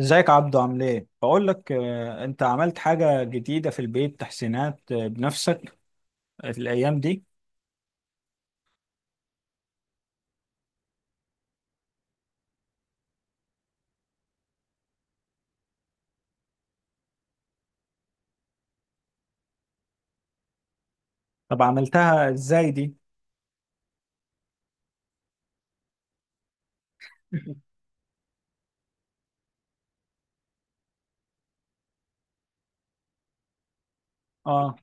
ازيك عبدو؟ عامل ايه؟ بقول لك، انت عملت حاجة جديدة في البيت؟ تحسينات، بنفسك الايام دي؟ طب عملتها ازاي دي؟ اه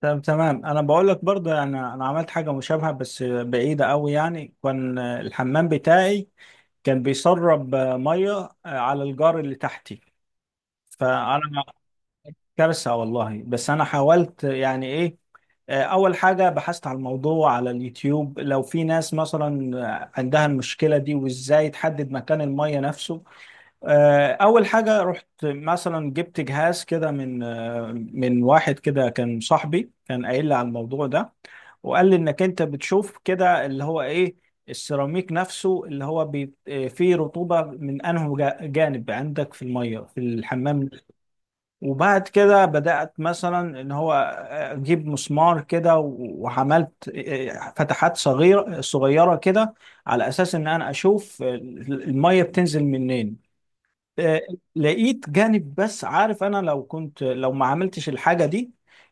تمام تمام. انا بقول لك برضه، يعني انا عملت حاجة مشابهة بس بعيدة قوي. يعني كان، الحمام بتاعي كان بيسرب، مية، على الجار اللي تحتي. فانا كارثة والله. بس انا حاولت، يعني ايه، أول حاجة بحثت على الموضوع على اليوتيوب، لو في ناس مثلا، عندها المشكلة دي، وإزاي تحدد مكان المية نفسه. أول حاجة رحت مثلا جبت جهاز كده من، من واحد كده كان صاحبي، كان قايل لي على الموضوع ده. وقال لي إنك أنت بتشوف كده اللي هو إيه، السيراميك نفسه اللي هو فيه رطوبة من أنه جانب عندك في المية في الحمام. وبعد كده بدأت مثلا ان هو اجيب مسمار كده، وعملت فتحات صغيرة صغيرة كده، على اساس ان انا اشوف المية بتنزل منين. آه، لقيت جانب. بس عارف، انا لو كنت، لو ما عملتش الحاجة دي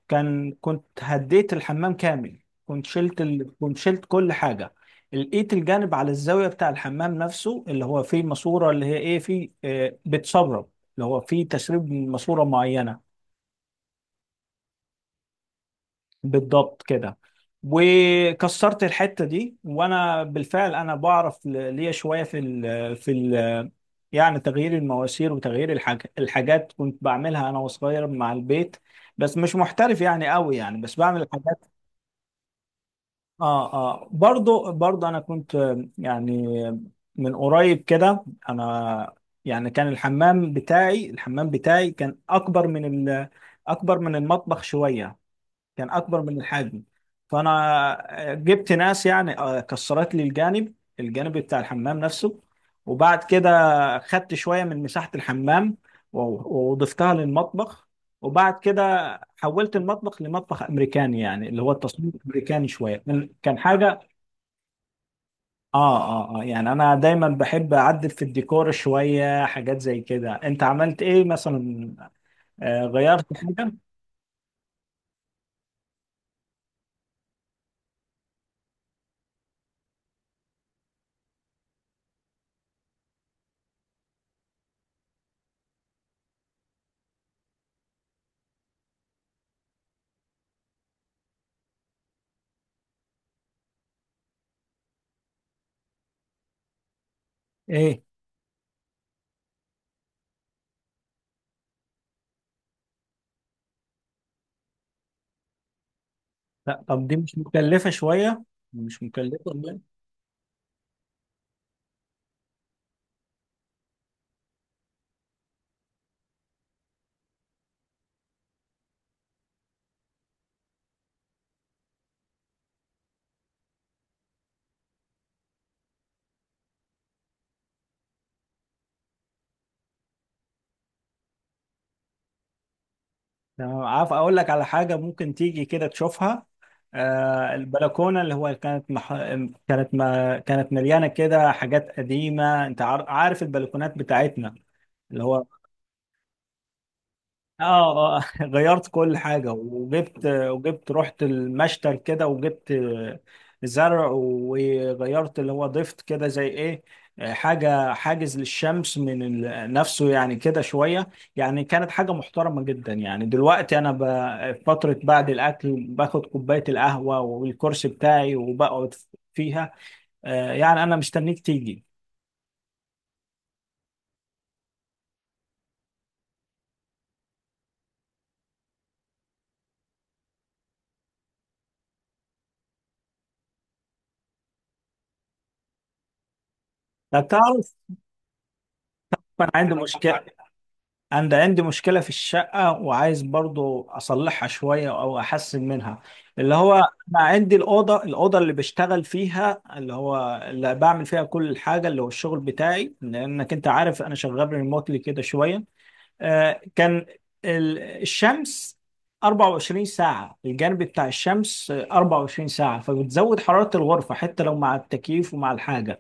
كان كنت هديت الحمام كامل. كنت شلت ال... كنت شلت كل حاجة. لقيت الجانب على الزاوية بتاع الحمام نفسه اللي هو فيه ماسورة، اللي هي ايه، فيه بتسرب، اللي هو فيه تسريب من ماسورة معينة. بالضبط كده. وكسرت الحتة دي، وانا بالفعل انا بعرف ليا شوية في ال في ال، يعني تغيير المواسير وتغيير الحاجات، كنت بعملها انا وصغير مع البيت. بس مش محترف يعني قوي، يعني بس بعمل الحاجات. اه اه، برضو انا كنت، يعني من قريب كده انا، يعني كان الحمام بتاعي كان اكبر من ال، اكبر من المطبخ شوية. كان اكبر من الحجم. فانا جبت ناس، يعني، كسرت لي الجانب، الجانب بتاع الحمام نفسه. وبعد كده خدت شويه من مساحه الحمام، وضفتها للمطبخ. وبعد كده حولت المطبخ لمطبخ امريكاني، يعني اللي هو التصميم الامريكاني. كان حاجه. اه اه اه، يعني انا دايما بحب اعدل في الديكور شويه حاجات زي كده. انت عملت ايه مثلا؟ آه غيرت حاجه؟ ايه؟ لا طب دي مش مكلفة شوية؟ مش مكلفة والله. تمام. عارف أقول لك على حاجة؟ ممكن تيجي كده تشوفها. آه البلكونة اللي هو كانت مح... كانت ما... كانت مليانة كده حاجات قديمة. أنت عارف البلكونات بتاعتنا اللي هو. اه، آه، غيرت كل حاجة، وجبت رحت المشتل كده وجبت زرع. وغيرت اللي هو ضفت كده زي ايه، حاجة حاجز للشمس نفسه، يعني كده شوية. يعني كانت حاجة محترمة جدا. يعني دلوقتي أنا فترة بعد الأكل باخد كوباية القهوة والكرسي بتاعي وبقعد فيها. يعني أنا مستنيك تيجي. طب تعرف، أنا عندي مشكلة أنا عندي مشكلة في الشقة، وعايز برضو أصلحها شوية أو أحسن منها. اللي هو أنا عندي الأوضة اللي بشتغل فيها، اللي هو اللي بعمل فيها كل الحاجة، اللي هو الشغل بتاعي، لأنك أنت عارف أنا شغال ريموتلي كده شوية. كان الشمس 24 ساعة، الجانب بتاع الشمس 24 ساعة، فبتزود حرارة الغرفة حتى لو مع التكييف ومع الحاجة.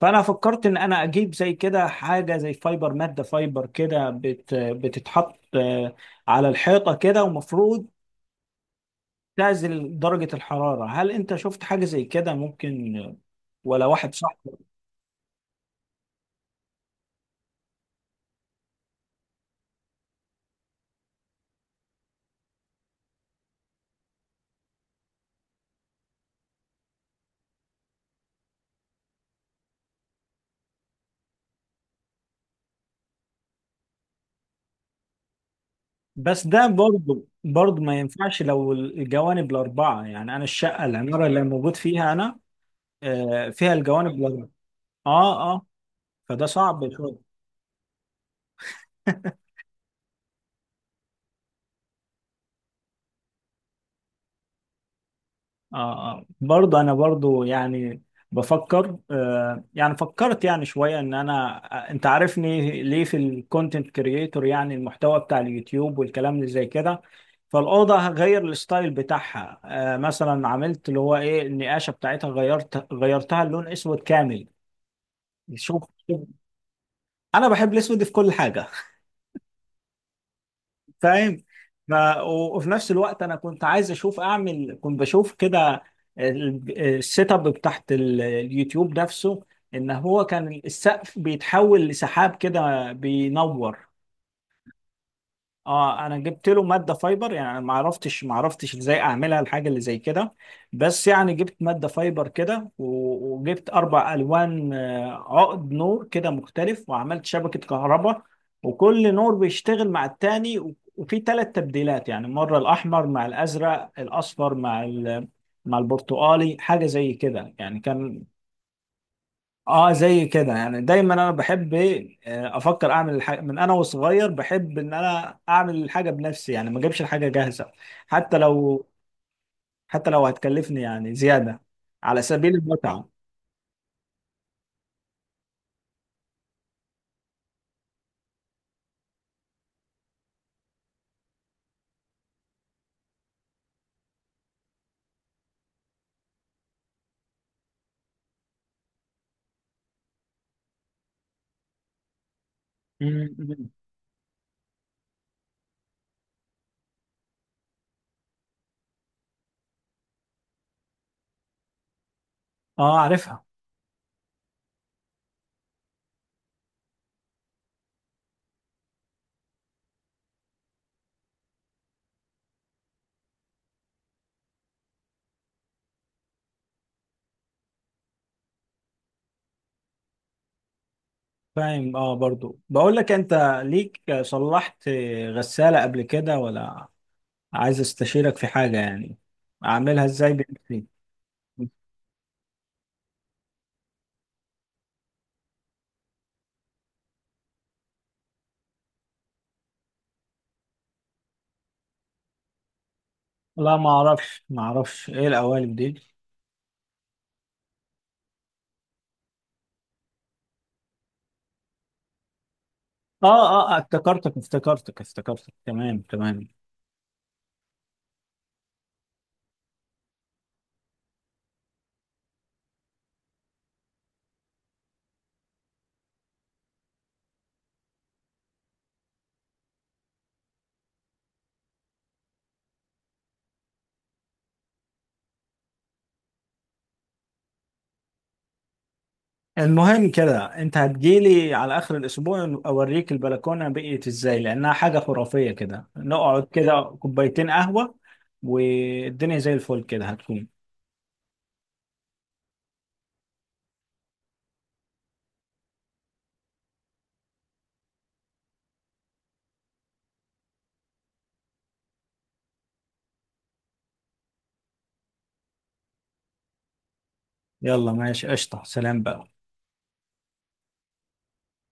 فانا فكرت ان انا اجيب زي كده حاجه، زي فايبر، ماده فايبر كده بتتحط، على الحيطه كده، ومفروض تعزل درجه الحراره. هل انت شفت حاجه زي كده ممكن، ولا واحد صاحبي؟ بس ده برضو ما ينفعش لو الجوانب الاربعه. يعني انا الشقه العماره اللي موجود فيها انا، فيها الجوانب الاربعه. اه اه. فده صعب شويه. آه آه. برضه أنا برضه، يعني بفكر آه، يعني فكرت يعني شوية إن أنا، أنت عارفني ليه في الكونتنت كرييتور، يعني المحتوى بتاع اليوتيوب والكلام اللي زي كده. فالأوضة هغير الستايل بتاعها. آه مثلا عملت اللي هو إيه، النقاشة بتاعتها غيرت غيرتها اللون أسود كامل. شوف، شوف، أنا بحب الأسود في كل حاجة. فاهم. ما وفي نفس الوقت انا كنت عايز اشوف اعمل، كنت بشوف كده السيت اب بتاعت اليوتيوب نفسه، ان هو كان السقف بيتحول لسحاب كده بينور. اه انا جبت له ماده فايبر. يعني أنا ما عرفتش ازاي اعملها الحاجه اللي زي كده. بس يعني جبت ماده فايبر كده، وجبت اربع الوان، عقد نور كده مختلف، وعملت شبكه كهرباء. وكل نور بيشتغل مع التاني، وفي ثلاث تبديلات. يعني مره الاحمر مع الازرق، الاصفر مع مع البرتقالي، حاجه زي كده يعني كان. اه زي كده. يعني دايما انا بحب ايه، افكر اعمل الحاجه. من انا وصغير بحب ان انا اعمل الحاجه بنفسي، يعني ما اجيبش الحاجه جاهزه. حتى لو، حتى لو هتكلفني يعني زياده، على سبيل المتعه. مم، مم. اه عارفها. فاهم. اه برضو بقول لك انت، ليك صلحت غساله قبل كده ولا؟ عايز استشيرك في حاجه، يعني اعملها ازاي بنفسي. لا ما اعرفش ايه القوالب دي. اه اه، افتكرتك تمام تمام. المهم كده انت هتجيلي على اخر الاسبوع، اوريك البلكونه بقيت ازاي، لانها حاجه خرافيه كده، نقعد كده كوبايتين قهوه والدنيا زي الفل كده هتكون. يلا ماشي قشطه، سلام بقى.